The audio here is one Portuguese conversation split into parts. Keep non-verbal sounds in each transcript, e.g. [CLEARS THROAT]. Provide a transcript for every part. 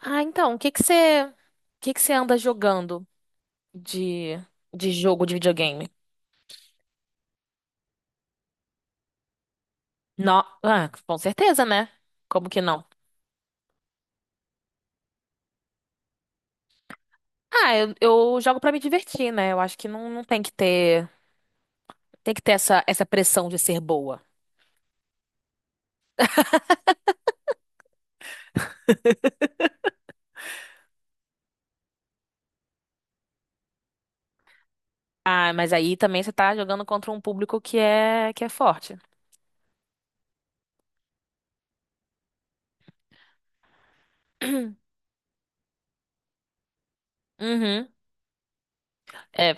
Ah, então, o que que você, o que que você anda jogando de, de jogo de videogame? Não, ah, com certeza, né? Como que não? Eu jogo pra me divertir, né? Eu acho que não tem que ter, tem que ter essa pressão de ser boa. Ah, mas aí também você tá jogando contra um público que é forte. [CLEARS THROAT] Uhum. É,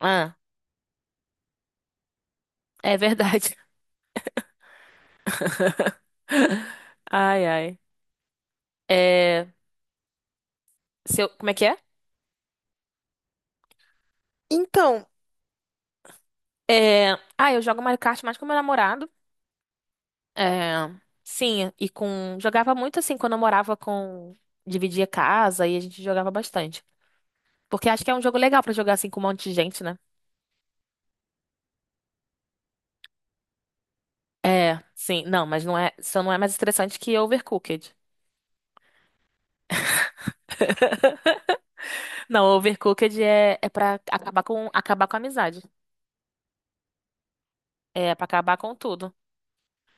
ah, é verdade. [LAUGHS] Ai, ai. É, seu, como é que é? Então, é, eu jogo Mario Kart mais com meu namorado. É, sim, e com. Jogava muito assim quando eu morava com. Dividia casa e a gente jogava bastante. Porque acho que é um jogo legal pra jogar assim com um monte de gente, né? É, sim, não, mas não é, só não é mais estressante que Overcooked. Não, Overcooked é pra acabar com a amizade. É pra acabar com tudo.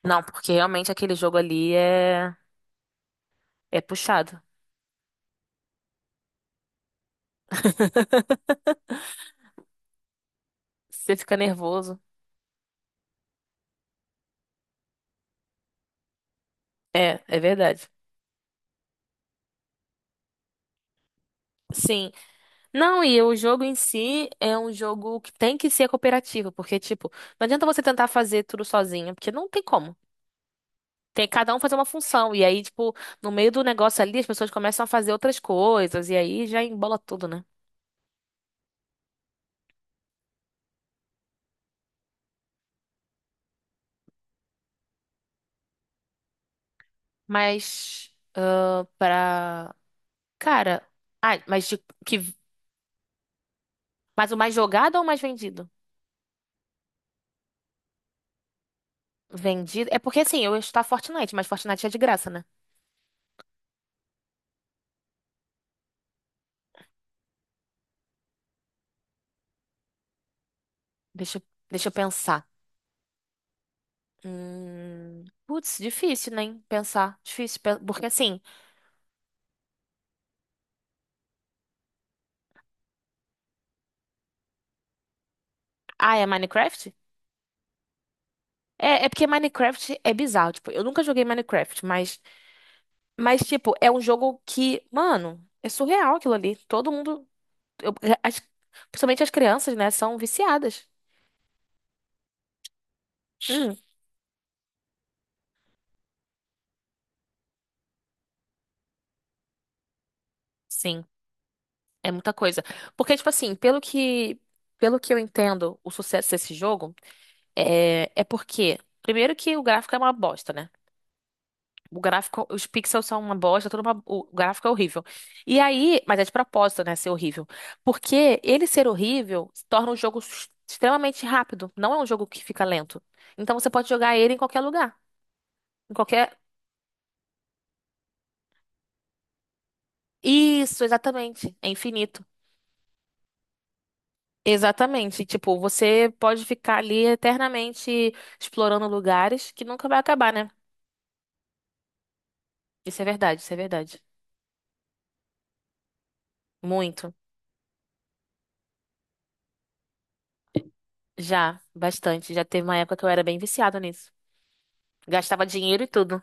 Não, porque realmente aquele jogo ali é puxado. Você fica nervoso. É, é verdade. Sim. Não, e o jogo em si é um jogo que tem que ser cooperativo, porque, tipo, não adianta você tentar fazer tudo sozinho, porque não tem como. Tem cada um fazer uma função, e aí, tipo, no meio do negócio ali, as pessoas começam a fazer outras coisas, e aí já embola tudo, né? Mas, ah, pra. Cara, ah, mas de que. Mas o mais jogado ou o mais vendido? Vendido. É porque, assim, eu ia chutar Fortnite, mas Fortnite é de graça, né? Deixa, eu- deixa eu pensar. Putz, difícil, né? Pensar. Difícil. Porque assim, ah, é Minecraft? É porque Minecraft é bizarro. Tipo, eu nunca joguei Minecraft, mas, tipo, é um jogo que, mano, é surreal aquilo ali. Todo mundo, eu- as- principalmente as crianças, né, são viciadas. Hum, sim, é muita coisa. Porque, tipo assim, pelo que eu entendo, o sucesso desse jogo é porque, primeiro que o gráfico é uma bosta, né? O gráfico, os pixels são uma bosta, o gráfico é horrível. E aí, mas é de propósito, né, ser horrível. Porque ele ser horrível torna o jogo extremamente rápido. Não é um jogo que fica lento. Então você pode jogar ele em qualquer lugar, em qualquer. Isso, exatamente. É infinito. Exatamente. Tipo, você pode ficar ali eternamente explorando lugares que nunca vai acabar, né? Isso é verdade, isso é verdade. Muito. Já, bastante. Já teve uma época que eu era bem viciada nisso. Gastava dinheiro e tudo.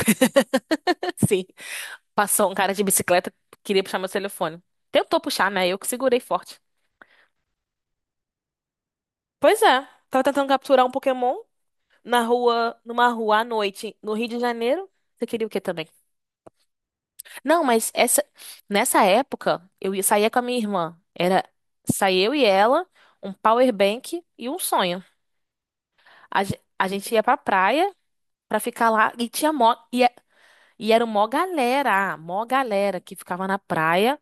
[LAUGHS] Sim. Passou um cara de bicicleta, queria puxar meu telefone. Tentou puxar, né? Eu que segurei forte. Pois é, tava tentando capturar um Pokémon na rua, numa rua à noite, no Rio de Janeiro. Você queria o quê também? Não, mas essa nessa época saía com a minha irmã. Era saía eu e ela, um power bank e um sonho. A gente ia pra praia pra ficar lá e tinha mó e, é, e era mó galera que ficava na praia.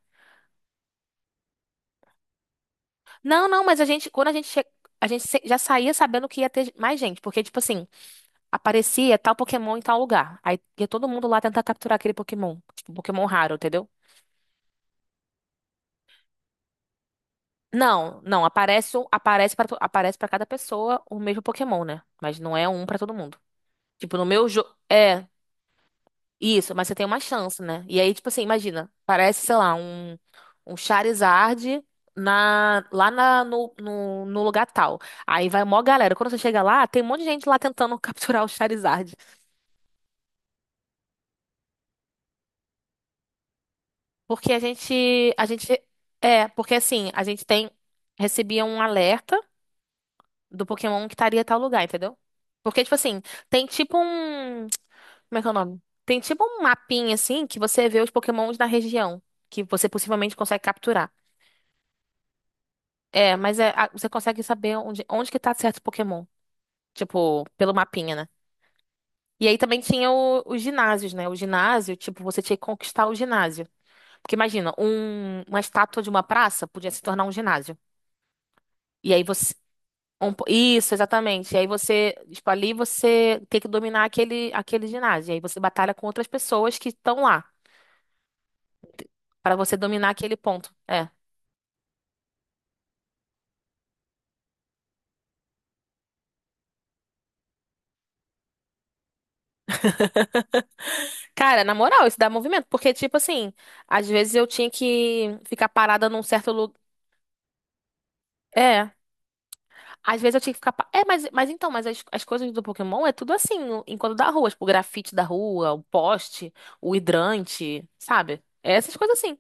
Não, não, mas a gente, quando a gente che... a gente já saía sabendo que ia ter mais gente, porque, tipo assim, aparecia tal Pokémon em tal lugar. Aí ia todo mundo lá tentar capturar aquele Pokémon. Tipo, um Pokémon raro, entendeu? Não, não, aparece um, aparece para aparece para cada pessoa o mesmo Pokémon, né? Mas não é um pra todo mundo. Tipo, no meu jogo. Isso, mas você tem uma chance, né? E aí, tipo assim, imagina, parece, sei lá, um Charizard na, lá na, no, no, no lugar tal. Aí vai mó galera. Quando você chega lá, tem um monte de gente lá tentando [LAUGHS] capturar o Charizard. Porque porque assim, a gente tem, recebia um alerta do Pokémon que estaria em tal lugar, entendeu? Porque, tipo assim, tem tipo um, como é que é o nome? Tem tipo um mapinha, assim, que você vê os Pokémons da região, que você possivelmente consegue capturar. Você consegue saber onde que tá certo Pokémon. Tipo, pelo mapinha, né? E aí também tinha os ginásios, né? O ginásio, tipo, você tinha que conquistar o ginásio. Porque imagina, uma estátua de uma praça podia se tornar um ginásio. E aí você. Isso, exatamente. E aí você, tipo, ali você tem que dominar aquele ginásio. E aí você batalha com outras pessoas que estão lá. Pra você dominar aquele ponto. É. Cara, na moral, isso dá movimento. Porque, tipo assim, às vezes eu tinha que ficar parada num certo lugar. Às vezes eu tinha que ficar. É, mas então, mas as coisas do Pokémon é tudo assim, enquanto da rua, tipo, o grafite da rua, o poste, o hidrante, sabe? É essas coisas assim.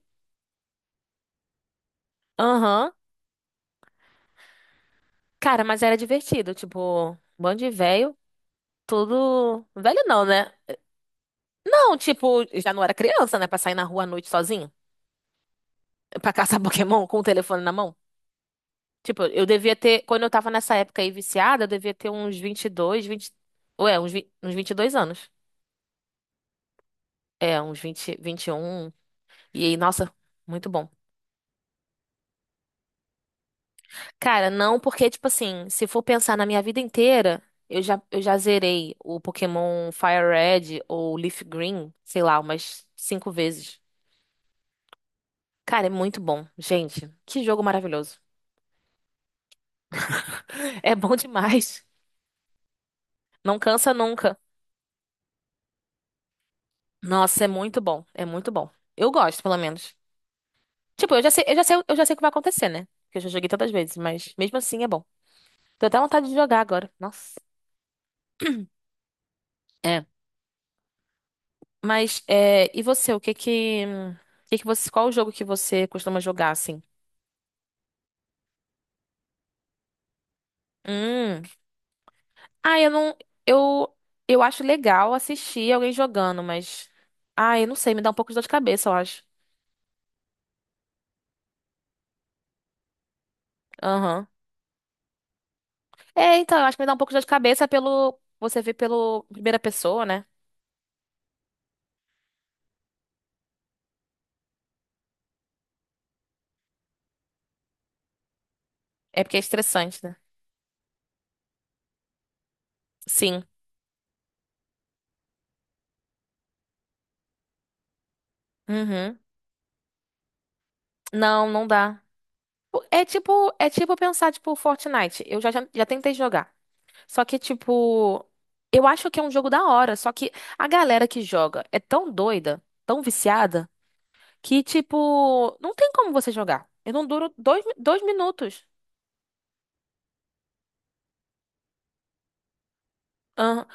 Aham. Cara, mas era divertido, tipo, bando de velho, tudo. Velho não, né? Não, tipo, já não era criança, né? Pra sair na rua à noite sozinho, pra caçar [LAUGHS] Pokémon com o telefone na mão. Tipo, eu devia ter, quando eu tava nessa época aí viciada, eu devia ter uns 22, 20. Ué, uns 22 anos. É, uns 20 21. E aí, nossa, muito bom. Cara, não, porque, tipo assim, se for pensar na minha vida inteira, eu já zerei o Pokémon Fire Red ou Leaf Green, sei lá, umas cinco vezes. Cara, é muito bom. Gente, que jogo maravilhoso. [LAUGHS] É bom demais. Não cansa nunca. Nossa, é muito bom. É muito bom. Eu gosto, pelo menos. Tipo, eu já sei o que vai acontecer, né? Porque eu já joguei tantas vezes, mas mesmo assim é bom. Tô até vontade de jogar agora. Nossa. É. Mas, é, e você, o que que você, qual o jogo que você costuma jogar, assim? Hum. Ah, eu não, eu, eu acho legal assistir alguém jogando, mas, ah, eu não sei, me dá um pouco de dor de cabeça, eu acho. Aham. É, então, eu acho que me dá um pouco de dor de cabeça pelo, você vê pelo primeira pessoa, né? É porque é estressante, né? Sim. Uhum. Não, não dá. É tipo pensar, tipo, Fortnite. Eu já tentei jogar. Só que, tipo, eu acho que é um jogo da hora. Só que a galera que joga é tão doida, tão viciada, que, tipo, não tem como você jogar. Eu não duro 2 minutos. Aham,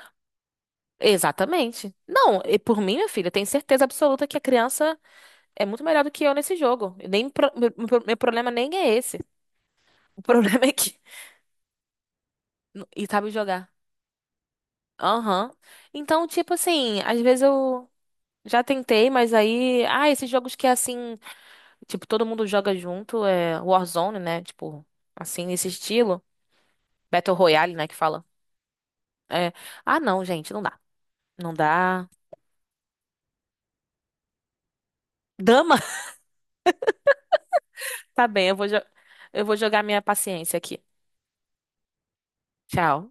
exatamente. Não, e por mim, minha filha, eu tenho certeza absoluta que a criança é muito melhor do que eu nesse jogo. Eu nem, meu problema nem é esse. O problema [LAUGHS] é que. E sabe jogar. Aham. Então, tipo assim, às vezes eu já tentei, mas aí. Ah, esses jogos que é assim. Tipo, todo mundo joga junto, é Warzone, né? Tipo, assim, nesse estilo. Battle Royale, né, que fala. É, não, gente, não dá. Não dá. Dama? [LAUGHS] Tá bem, eu vou jogar minha paciência aqui. Tchau.